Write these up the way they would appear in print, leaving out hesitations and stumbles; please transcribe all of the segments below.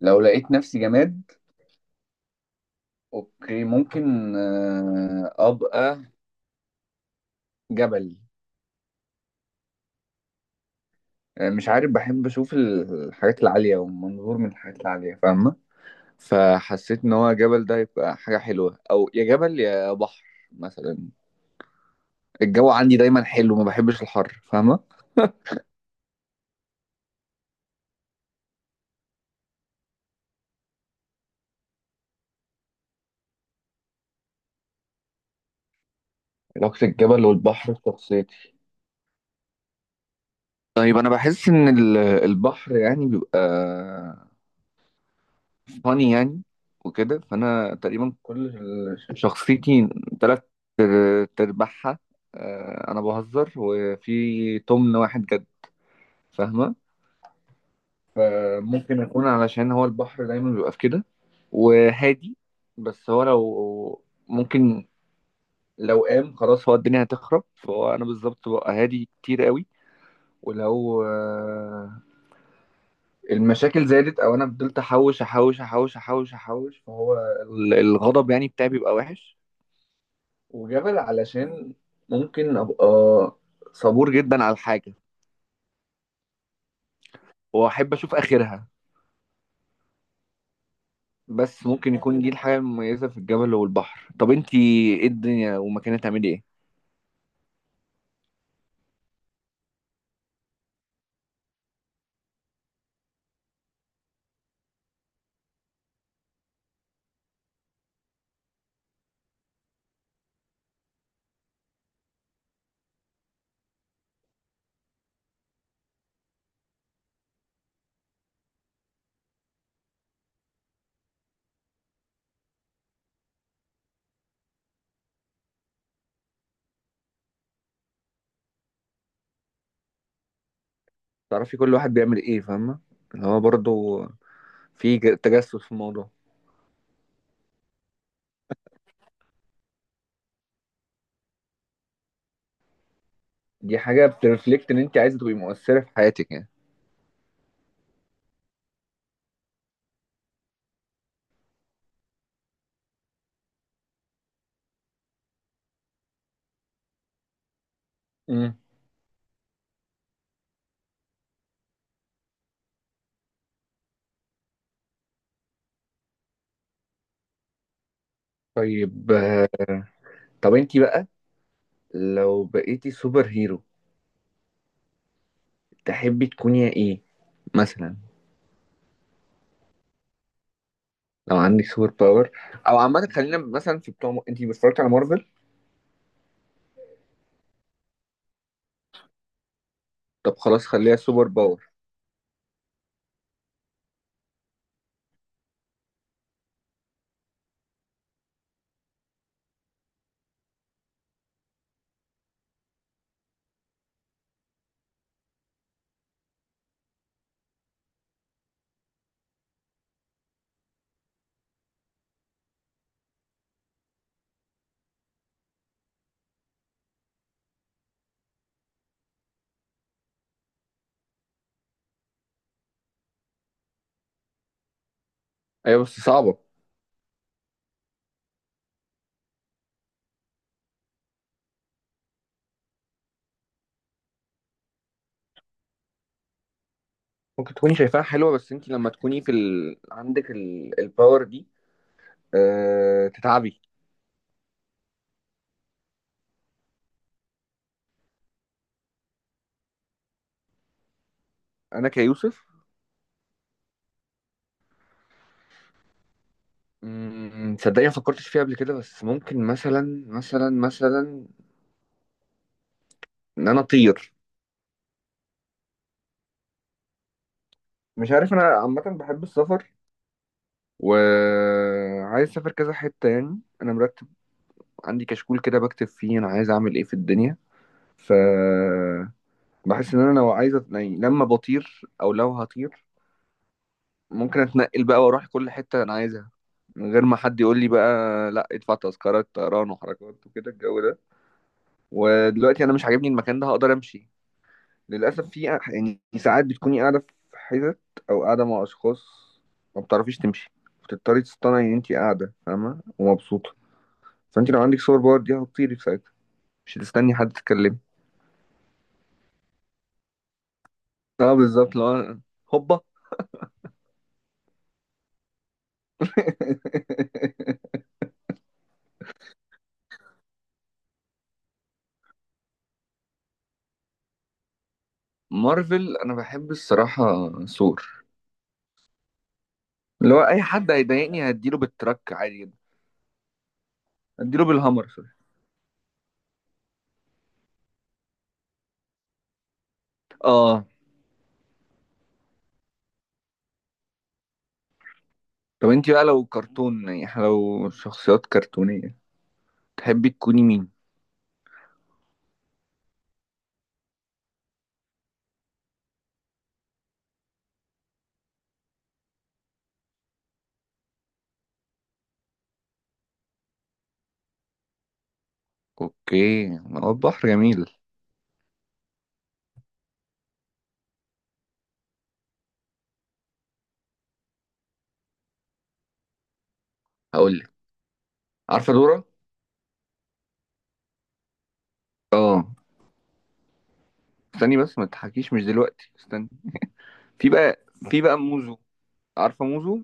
لو لقيت نفسي جماد، اوكي ممكن ابقى جبل. مش عارف، بحب اشوف الحاجات العالية والمنظور من الحاجات العالية، فاهمة؟ فحسيت ان هو جبل ده يبقى حاجة حلوة، او يا جبل يا بحر مثلا. الجو عندي دايما حلو، ما بحبش الحر، فاهمة؟ علاقة الجبل والبحر في شخصيتي. طيب، انا بحس ان البحر يعني بيبقى فاني يعني، وكده فانا تقريبا كل شخصيتي تلات تربعها. انا بهزر وفي تمن واحد جد، فاهمه؟ فممكن اكون علشان هو البحر دايما بيبقى في كده وهادي، بس هو لو ممكن، لو قام خلاص هو الدنيا هتخرب، فهو انا بالظبط ببقى هادي كتير قوي. ولو المشاكل زادت او انا فضلت احوش احوش احوش احوش احوش، فهو الغضب يعني بتاعي بيبقى وحش. وجبل علشان ممكن ابقى صبور جدا على الحاجة واحب اشوف اخرها. بس ممكن يكون دي الحاجة المميزة في الجبل والبحر. طب انتي، ايه الدنيا ومكانها، تعملي ايه؟ تعرفي كل واحد بيعمل ايه، فاهمة؟ اللي هو برضه في تجسس في الموضوع. دي حاجة بترفلكت ان انتي عايزة تبقي مؤثرة في حياتك، يعني. امم. طيب، طب انتي بقى لو بقيتي سوبر هيرو تحبي تكوني ايه مثلا؟ لو عندك سوبر باور، او عامة خلينا مثلا في بتوع، انتي اتفرجتي على مارفل؟ طب خلاص، خليها سوبر باور. ايوه، بس صعبة. ممكن تكوني شايفاها حلوة، بس انت لما تكوني في عندك الباور دي تتعبي. انا كيوسف. تصدقني ما فكرتش فيها قبل كده، بس ممكن مثلا ان انا اطير. مش عارف، انا عامة بحب السفر، وعايز اسافر كذا حتة، يعني انا مرتب. عندي كشكول كده بكتب فيه انا عايز اعمل ايه في الدنيا. ف، بحس ان انا لو عايز يعني لما بطير او لو هطير، ممكن اتنقل بقى واروح كل حتة انا عايزها من غير ما حد يقول لي بقى لا، ادفع تذكرة طيران وحركات وكده الجو ده. ودلوقتي انا مش عاجبني المكان ده، هقدر امشي. للاسف في يعني ساعات بتكوني قاعدة في حتت، او قاعدة مع اشخاص ما بتعرفيش تمشي، بتضطري تصطنعي ان انت قاعدة فاهمة ومبسوطة. فانت لو عندك سوبر باور دي هتطيري في ساعتها، مش هتستني حد تتكلمي. اه بالظبط. هوبا. مارفل، انا بحب الصراحة ثور، اللي هو اي حد هيضايقني هديله بالتراك عادي جدا. هديله بالهامر، سوري. اه. طب انت بقى لو كرتون، يعني إحنا لو شخصيات كرتونية، تحبي تكوني مين؟ اوكي، ما هو البحر جميل. هقول لك، عارفة دورة؟ اه، استني بس ما تضحكيش، مش دلوقتي، استني. في بقى موزو. عارفة موزو؟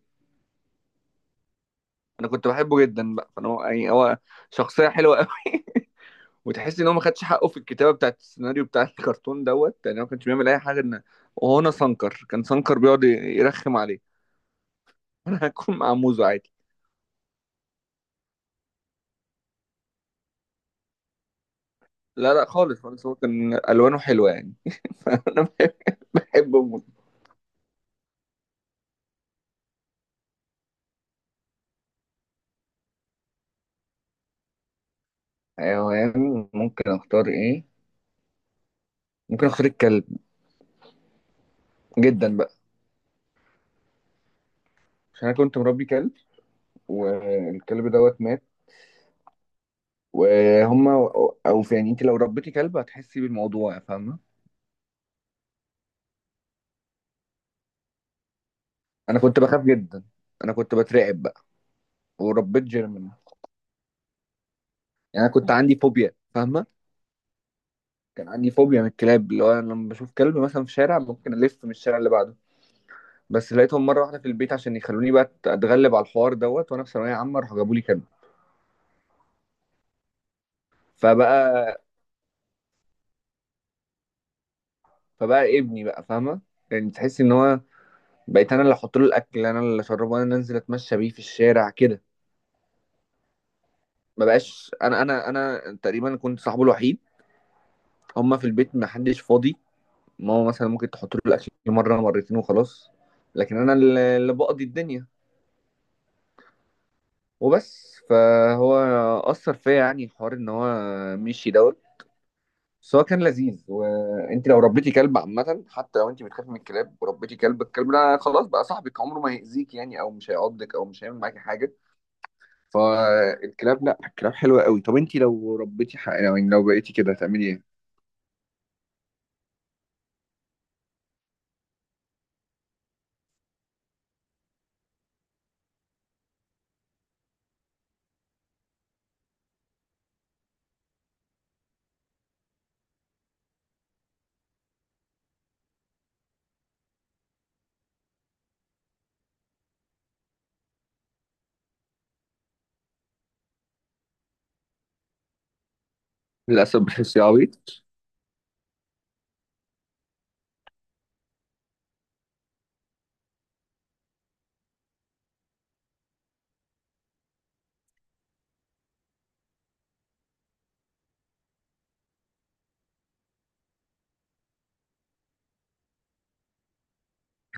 انا كنت بحبه جدا بقى، فانا يعني هو شخصية حلوة قوي. وتحس ان هو ما خدش حقه في الكتابة بتاعت السيناريو بتاع الكرتون دوت، يعني هو ما كانش بيعمل اي حاجة ان. وهو انا سانكر، كان سانكر بيقعد يرخم عليه. انا هكون مع موزو عادي. لا لا، خالص خالص، هو كان الوانه حلوه يعني. فانا بحب، بحب موزو. حيوان، ممكن اختار ايه؟ ممكن اختار الكلب، جدا بقى، عشان انا كنت مربي كلب. والكلب دوت مات، وهما. او في، يعني انت لو ربيتي كلب هتحسي بالموضوع، فاهمه؟ انا كنت بخاف جدا. انا كنت بترعب بقى، وربيت جيرمان. يعني انا كنت عندي فوبيا، فاهمه. كان عندي فوبيا من الكلاب، اللي هو انا لما بشوف كلب مثلا في شارع ممكن الف من الشارع اللي بعده. بس لقيتهم مره واحده في البيت عشان يخلوني بقى اتغلب على الحوار دوت، وانا في ثانويه عامه راحوا جابوا لي كلب. فبقى فبقى ابني بقى، فاهمه، يعني تحس ان هو. بقيت انا اللي احط له الاكل، انا اللي اشربه، انا اللي انزل اتمشى بيه في الشارع كده. ما بقاش انا تقريبا كنت صاحبه الوحيد. هما في البيت ما حدش فاضي، ماما مثلا ممكن تحط له الاكل مره مرتين وخلاص. لكن انا اللي بقضي الدنيا، وبس. فهو اثر فيا، يعني حوار ان هو مشي دوت. بس هو كان لذيذ، وانت لو ربيتي كلب عامة، حتى لو انت بتخافي من الكلاب وربيتي كلب، الكلب ده خلاص بقى صاحبك، عمره ما هيأذيك يعني، او مش هيعضك او مش هيعمل معاكي حاجة. فالكلاب، لا الكلاب حلوة قوي. طب انت لو ربيتي لو يعني لو بقيتي كده هتعملي ايه؟ للأسف بحس يا عبيط.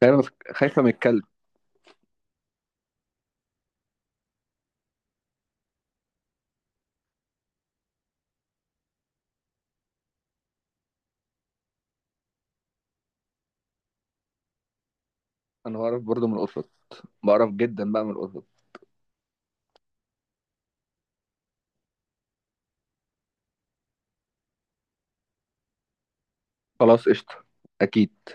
خايفة، خايفة من الكلب. انا بعرف برضه من القطط، بعرف جدا بقى من القطط. خلاص قشطة، اكيد.